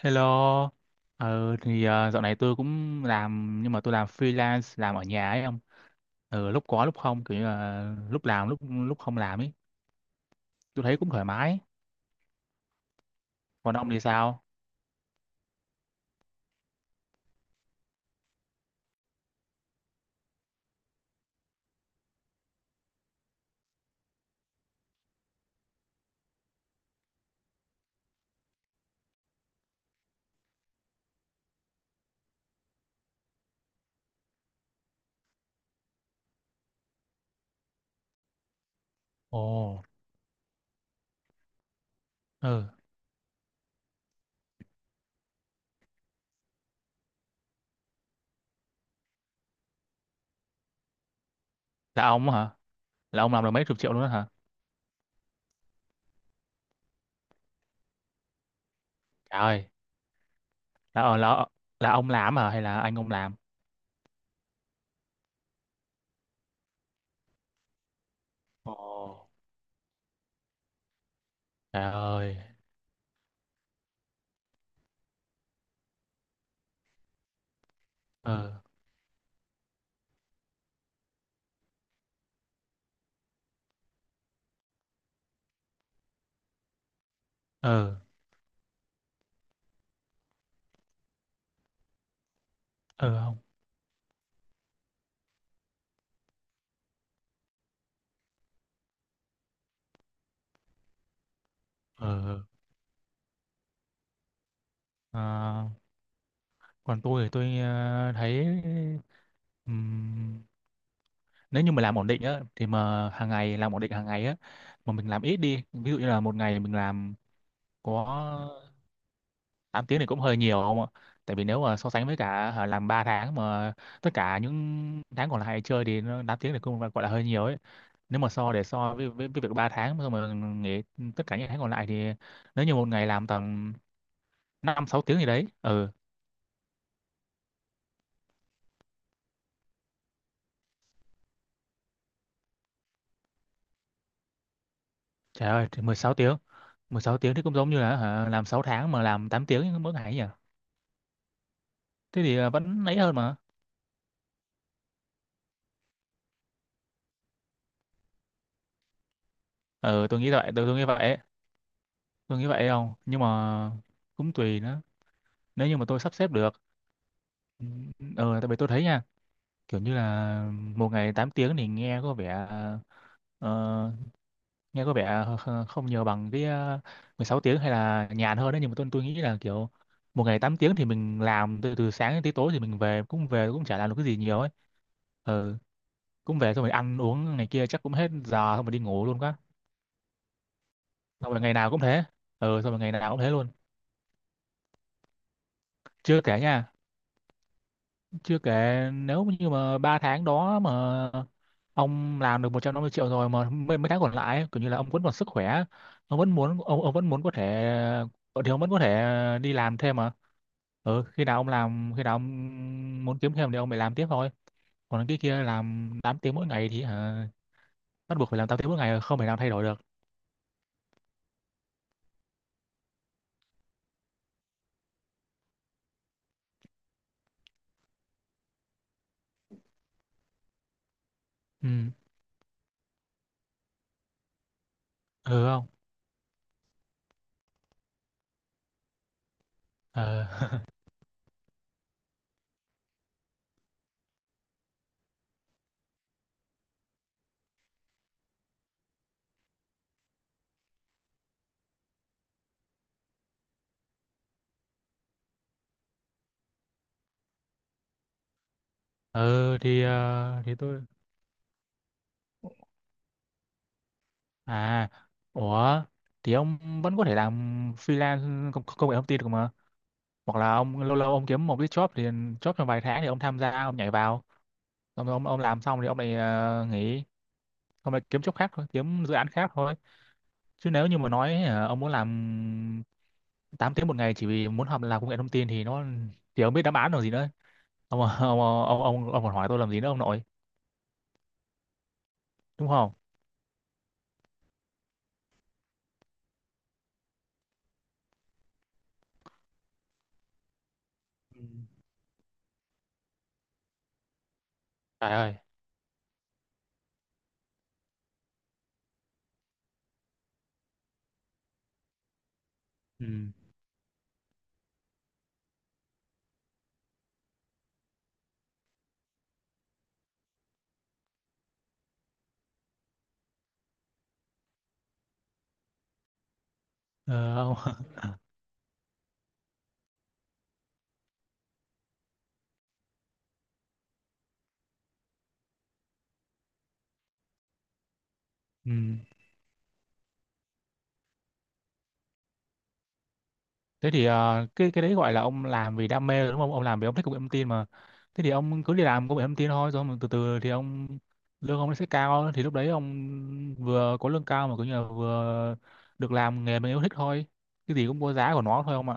Hello, dạo này tôi cũng làm nhưng mà tôi làm freelance làm ở nhà ấy ông, lúc có lúc không kiểu như là lúc làm lúc lúc không làm ấy, tôi thấy cũng thoải mái. Còn ông thì sao? Ồ, ừ, là ông hả? Là ông làm được mấy chục triệu luôn đó hả? Trời ơi, là ờ, là ông làm hả hay là anh ông làm? Ồ, trời ơi, ờ, ờ, ờ không, ờ, ờ. Ờ, Còn tôi thì tôi thấy. ừm, Nếu như mà làm ổn định á thì mà hàng ngày làm ổn định hàng ngày á, mà mình làm ít đi, ví dụ như là một ngày mình làm có 8 tiếng thì cũng hơi nhiều không ạ? Tại vì nếu mà so sánh với cả, hả, làm 3 tháng mà tất cả những tháng còn lại chơi thì nó 8 tiếng thì cũng gọi là hơi nhiều ấy. Nếu mà so để so với việc 3 tháng xong mà nghỉ tất cả những tháng còn lại, thì nếu như một ngày làm tầm 5 6 tiếng gì đấy, ừ. Trời ơi, thì 16 tiếng, 16 tiếng thì cũng giống như là, hả, làm 6 tháng mà làm 8 tiếng mỗi ngày ấy nhỉ. Thế thì vẫn ấy hơn. Ờ tôi nghĩ vậy, tôi nghĩ vậy ấy. Tôi nghĩ vậy không nhưng mà cũng tùy nữa, nếu như mà tôi sắp xếp được. Ừ, ừ, tại vì tôi thấy nha, kiểu như là một ngày 8 tiếng thì nghe có vẻ, ờ, nghe có vẻ không nhiều bằng cái, mười sáu tiếng, hay là nhàn hơn đấy, nhưng mà tôi nghĩ là kiểu một ngày 8 tiếng thì mình làm từ từ sáng đến tới tối thì mình về cũng chả làm được cái gì nhiều ấy. Ừ, cũng về xong rồi ăn uống này kia chắc cũng hết giờ xong rồi đi ngủ luôn quá, xong rồi ngày nào cũng thế. Ừ, xong rồi ngày nào cũng thế luôn. Chưa kể nha, chưa kể nếu như mà ba tháng đó mà ông làm được 150 triệu rồi, mà mấy tháng còn lại ấy, kiểu như là ông vẫn còn sức khỏe, ông vẫn muốn có thể thì ông vẫn có thể đi làm thêm mà. Ừ, khi nào ông làm khi nào ông muốn kiếm thêm thì ông phải làm tiếp thôi. Còn cái kia làm 8 tiếng mỗi ngày thì, hả, bắt buộc phải làm 8 tiếng mỗi ngày, không thể nào thay đổi được. Ừ, ừ không. ờ ừ, thì ờ, thì tôi À, ủa, thì ông vẫn có thể làm freelance, công nghệ thông tin được mà. Hoặc là ông lâu lâu ông kiếm một cái job thì job trong vài tháng thì ông tham gia, ông nhảy vào. Ông làm xong thì ông lại nghỉ, ông lại kiếm job khác thôi, kiếm dự án khác thôi. Chứ nếu như mà nói ông muốn làm 8 tiếng một ngày chỉ vì muốn học làm công nghệ thông tin thì ông biết đáp án rồi gì nữa. Ông ông còn hỏi tôi làm gì nữa ông nội, đúng không? Ừ. Trời ơi. Ừ. Ờ, ông, ừ. Thế thì cái đấy gọi là ông làm vì đam mê rồi đúng không? Ông làm vì ông thích công nghệ thông tin mà. Thế thì ông cứ đi làm công nghệ thông tin thôi, rồi ông từ từ thì ông lương ông nó sẽ cao, thì lúc đấy ông vừa có lương cao mà cũng như là vừa được làm nghề mình yêu thích thôi. Cái gì cũng có giá của nó thôi ông ạ.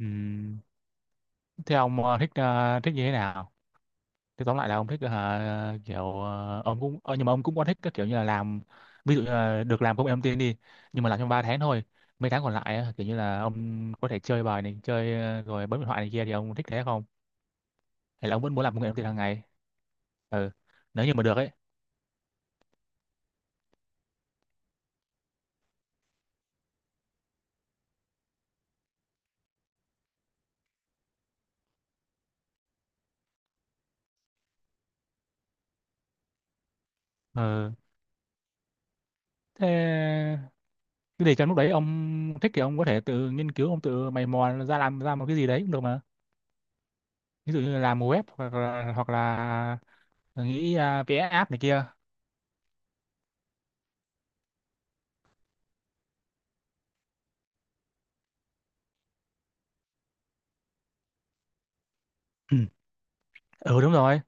Ừm. Thế ông thích như thế nào? Thế tóm lại là ông thích, kiểu, ông cũng, nhưng mà ông cũng có thích cái kiểu như là làm, ví dụ như là được làm công em tin đi, nhưng mà làm trong 3 tháng thôi, mấy tháng còn lại á, kiểu như là ông có thể chơi bài này chơi rồi bấm điện thoại này kia thì ông thích thế không, hay là ông vẫn muốn làm công em tin hàng ngày? Ừ, nếu như mà được ấy. Ừ, thế cái để trong lúc đấy ông thích thì ông có thể tự nghiên cứu, ông tự mày mò ra làm ra một cái gì đấy cũng được mà, ví dụ như là làm web, hoặc là nghĩ, vẽ app này kia. Ừ. Ừ, đúng rồi.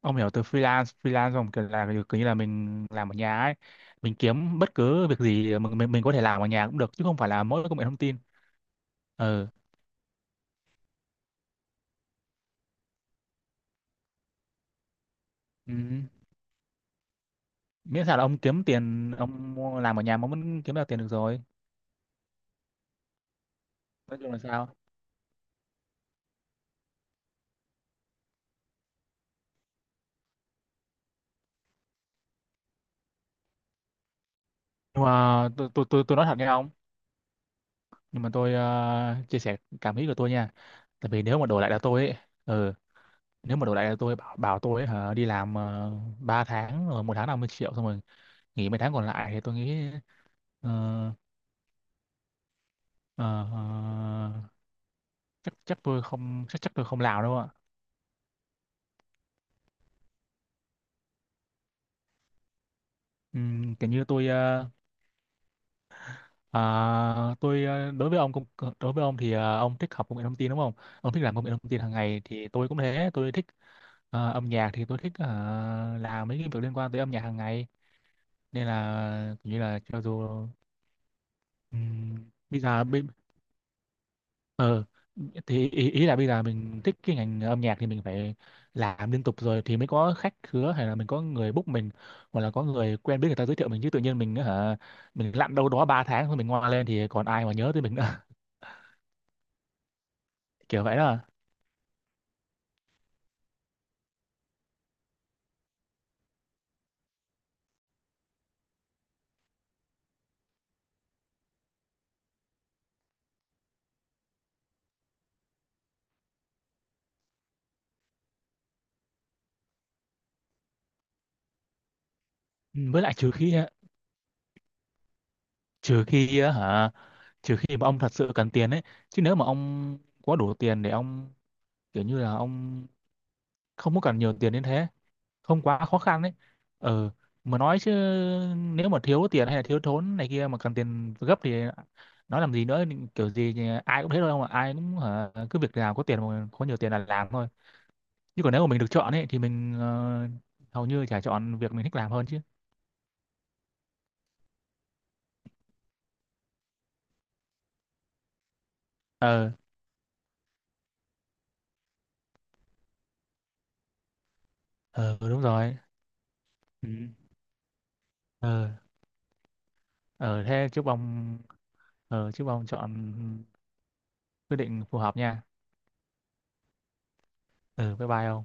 Ông hiểu từ freelance, không, kiểu là kiểu như là mình làm ở nhà ấy, mình kiếm bất cứ việc gì mình có thể làm ở nhà cũng được, chứ không phải là mỗi công nghệ thông tin. Ừ, ừ. Miễn sao là ông kiếm tiền, ông làm ở nhà mà ông vẫn kiếm được tiền được rồi. Nói chung là sao? Nhưng mà tôi nói thật nha ông, nhưng mà tôi chia sẻ cảm nghĩ của tôi nha. Tại vì nếu mà đổi lại là tôi ấy, ừ, nếu mà đổi lại là tôi bảo bảo tôi ấy, hả, đi làm 3 tháng rồi một tháng 50 triệu xong rồi nghỉ mấy tháng còn lại thì tôi nghĩ, ờ, Ờ, ờ, chắc chắc tôi không, chắc chắc tôi không làm đâu ạ. Kiểu như tôi, ờ, tôi ờ, đối với ông công đối với ông thì ông thích học công nghệ thông tin đúng không? Ông thích làm công nghệ thông tin hàng ngày thì tôi cũng thế, tôi thích âm nhạc, thì tôi thích làm mấy cái việc liên quan tới âm nhạc hàng ngày, nên là kiểu như là cho dù, ừm, bây giờ thì ý là bây giờ mình thích cái ngành âm nhạc thì mình phải làm liên tục rồi thì mới có khách khứa, hay là mình có người book mình, hoặc là có người quen biết người ta giới thiệu mình, chứ tự nhiên mình hả, mình lặn đâu đó 3 tháng rồi mình ngoa lên thì còn ai mà nhớ tới mình nữa. Kiểu vậy đó. Ừ, với lại trừ khi trừ khi á hả, trừ khi mà ông thật sự cần tiền ấy, chứ nếu mà ông có đủ tiền để ông, kiểu như là ông không có cần nhiều tiền đến thế, không quá khó khăn đấy. Ờ, mà nói chứ, nếu mà thiếu tiền hay là thiếu thốn này kia mà cần tiền gấp thì nói làm gì nữa, kiểu gì thì ai cũng thế thôi không ạ, ai cũng hả, cứ việc nào có tiền mà có nhiều tiền là làm thôi. Chứ còn nếu mà mình được chọn ấy, thì mình hầu như chả chọn việc mình thích làm hơn chứ. Ờ, ờ đúng rồi. Ừ. Ờ, ờ thế chúc ông, ờ chúc ông chọn quyết định phù hợp nha. Ờ, bye bye ông.